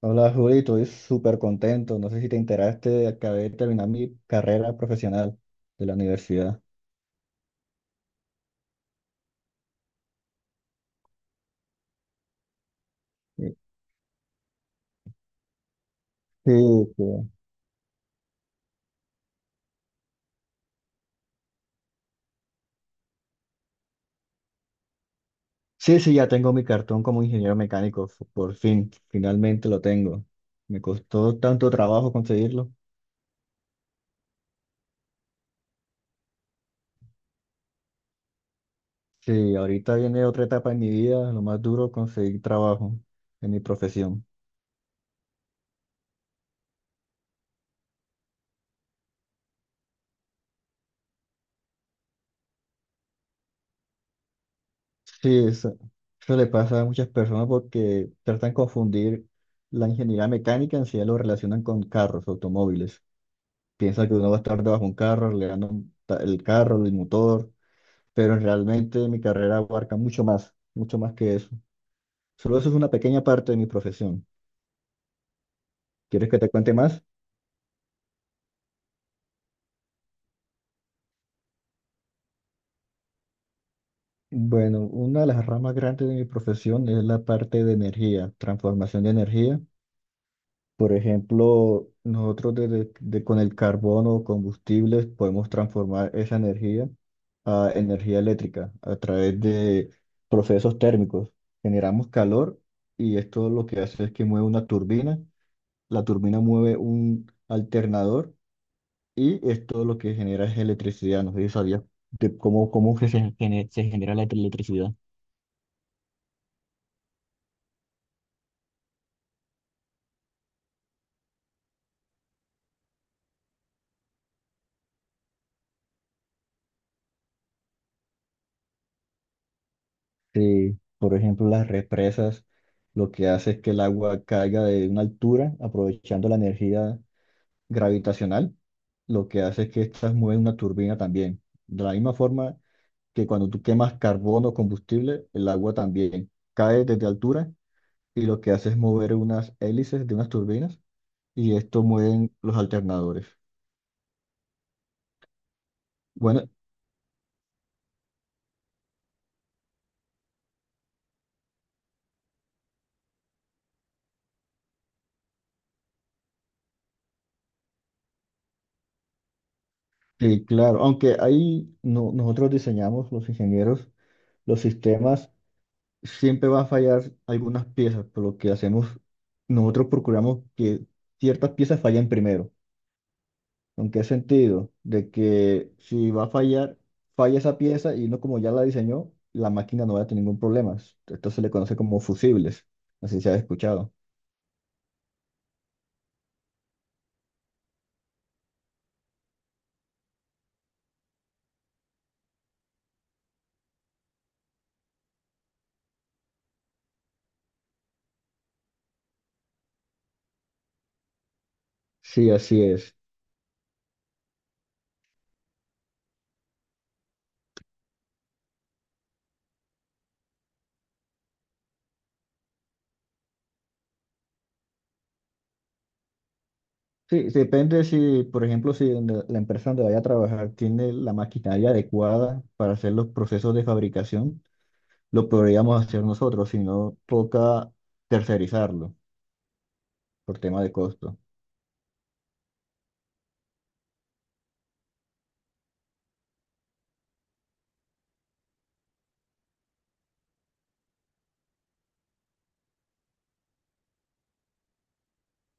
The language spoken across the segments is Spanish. Hola Juli, estoy súper contento. No sé si te enteraste, acabé de terminar mi carrera profesional de la universidad. Sí, sí, sí, sí, sí, ya tengo mi cartón como ingeniero mecánico, por fin, finalmente lo tengo. Me costó tanto trabajo conseguirlo. Sí, ahorita viene otra etapa en mi vida, lo más duro, conseguir trabajo en mi profesión. Sí, eso le pasa a muchas personas porque tratan de confundir la ingeniería mecánica, en sí lo relacionan con carros, automóviles. Piensa que uno va a estar debajo de un carro, arreglando el carro, el motor, pero realmente mi carrera abarca mucho más que eso. Solo eso es una pequeña parte de mi profesión. ¿Quieres que te cuente más? Bueno, una de las ramas grandes de mi profesión es la parte de energía, transformación de energía. Por ejemplo, nosotros con el carbón o combustibles podemos transformar esa energía a energía eléctrica a través de procesos térmicos. Generamos calor y esto lo que hace es que mueve una turbina, la turbina mueve un alternador y esto lo que genera es electricidad. No sé si sabías de cómo, cómo que se, gene- se genera la electricidad. Sí, por ejemplo, las represas lo que hace es que el agua caiga de una altura aprovechando la energía gravitacional. Lo que hace es que estas mueven una turbina también. De la misma forma, que cuando tú quemas carbono o combustible, el agua también cae desde altura y lo que hace es mover unas hélices de unas turbinas y esto mueven los alternadores. Bueno, sí, claro, aunque ahí no- nosotros diseñamos, los ingenieros, los sistemas, siempre van a fallar algunas piezas, por lo que hacemos, nosotros procuramos que ciertas piezas fallen primero. ¿En qué sentido? De que si va a fallar, falla esa pieza y uno como ya la diseñó, la máquina no va a tener ningún problema. Esto se le conoce como fusibles, así se ha escuchado. Sí, así es. Sí, sí, depende si, por ejemplo, si en la empresa donde vaya a trabajar tiene la maquinaria adecuada para hacer los procesos de fabricación, lo podríamos hacer nosotros, si no toca tercerizarlo por tema de costo.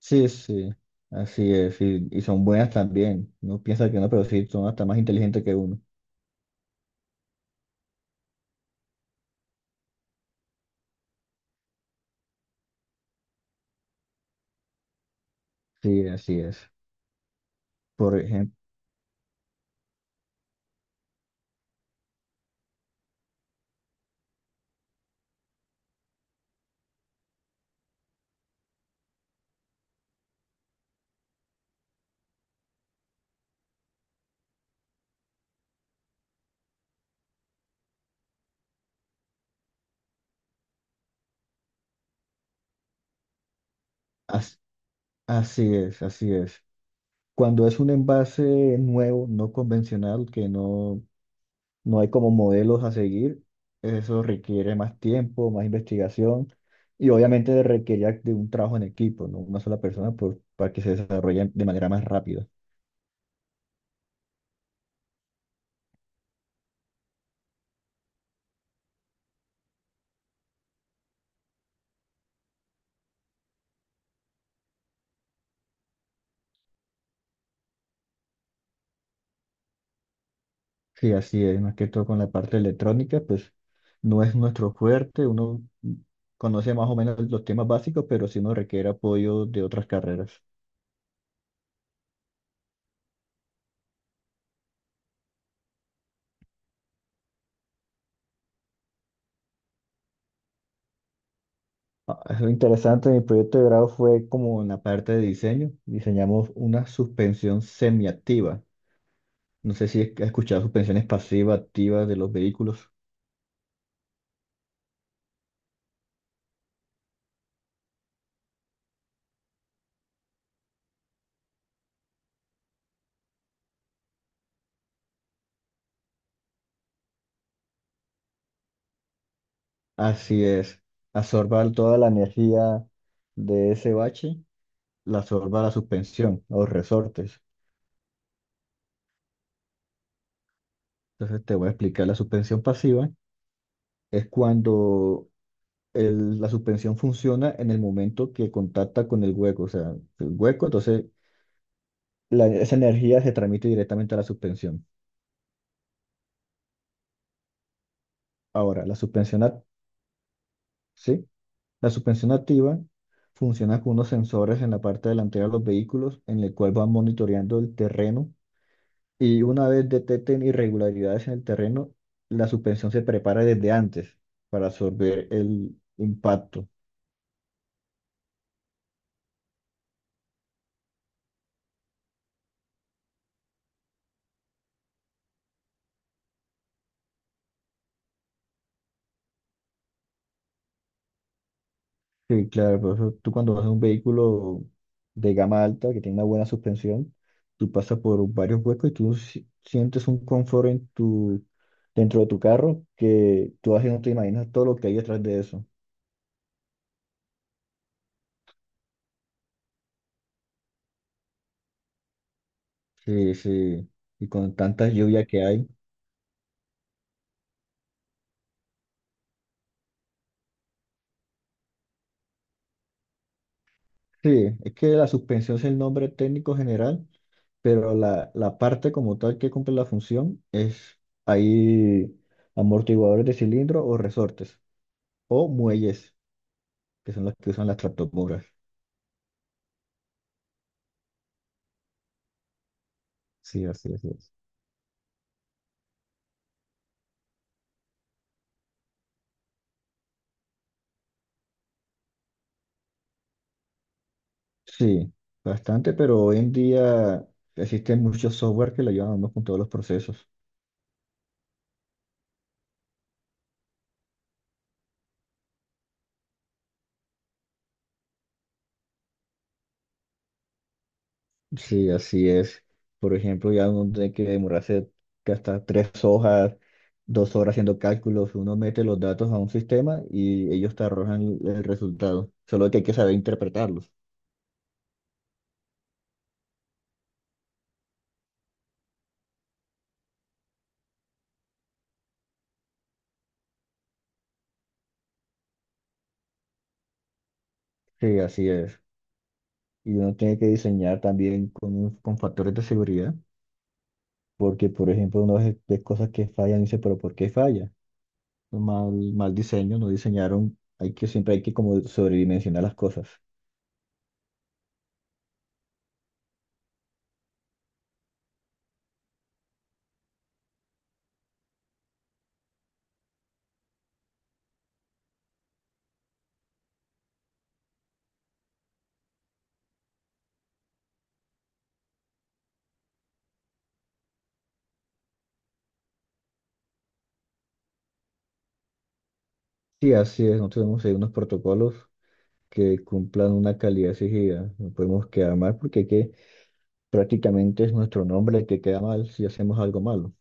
Sí, sí, así es, y son buenas también. Uno piensa que no, pero sí, son hasta más inteligentes que uno. Sí, así es. Por ejemplo, así es, así es. Cuando es un envase nuevo, no convencional, que no, no hay como modelos a seguir, eso requiere más tiempo, más investigación y obviamente requiere de un trabajo en equipo, no una sola persona, por, para que se desarrolle de manera más rápida. Sí, así es, más que todo con la parte electrónica, pues no es nuestro fuerte, uno conoce más o menos los temas básicos, pero sí nos requiere apoyo de otras carreras. Ah, es lo interesante, mi proyecto de grado fue como en la parte de diseño, diseñamos una suspensión semiactiva. No sé si has escuchado suspensiones pasivas, activas de los vehículos. Así es, absorba toda la energía de ese bache, la absorba la suspensión, los resortes. Entonces te voy a explicar, la suspensión pasiva es cuando la suspensión funciona en el momento que contacta con el hueco, o sea, el hueco, entonces esa energía se transmite directamente a la suspensión. Ahora, la suspensión, ac- ¿sí? La suspensión activa funciona con unos sensores en la parte delantera de los vehículos, en el cual van monitoreando el terreno y una vez detecten irregularidades en el terreno, la suspensión se prepara desde antes para absorber el impacto. Sí, claro, por eso tú cuando vas en un vehículo de gama alta que tiene una buena suspensión, tú pasas por varios huecos y tú sientes un confort en tu, dentro de tu carro, que tú así no te imaginas todo lo que hay detrás de eso. Sí, sí, y con tanta lluvia que hay. Sí, es que la suspensión es el nombre técnico general, pero la parte como tal que cumple la función es ahí amortiguadores de cilindro o resortes o muelles, que son los que usan las tractomulas. Sí, así es. Así es. Sí, bastante, pero hoy en día existen muchos software que le ayudan a uno con todos los procesos. Sí, así es. Por ejemplo, ya uno tiene que demorarse hasta 3 horas haciendo cálculos. Uno mete los datos a un sistema y ellos te arrojan el resultado. Solo que hay que saber interpretarlos. Sí, así es. Y uno tiene que diseñar también con, con factores de seguridad, porque, por ejemplo, uno ve cosas que fallan y dice, pero ¿por qué falla? Mal, mal diseño, no diseñaron, hay que, siempre hay que como sobredimensionar las cosas. Sí, así es, nosotros tenemos ahí unos protocolos que cumplan una calidad exigida, no podemos quedar mal porque hay que, prácticamente es nuestro nombre el que queda mal si hacemos algo malo.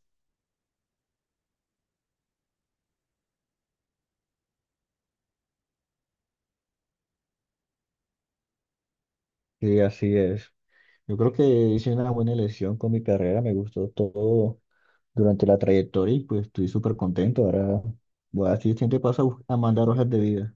Sí, así es. Yo creo que hice una buena elección con mi carrera, me gustó todo durante la trayectoria y pues estoy súper contento. Ahora voy a decir, siempre paso a mandar hojas de vida.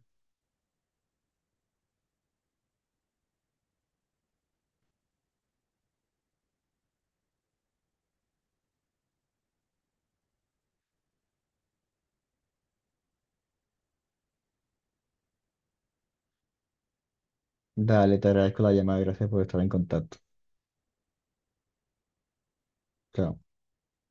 Dale, te agradezco la llamada, gracias por estar en contacto. Chao.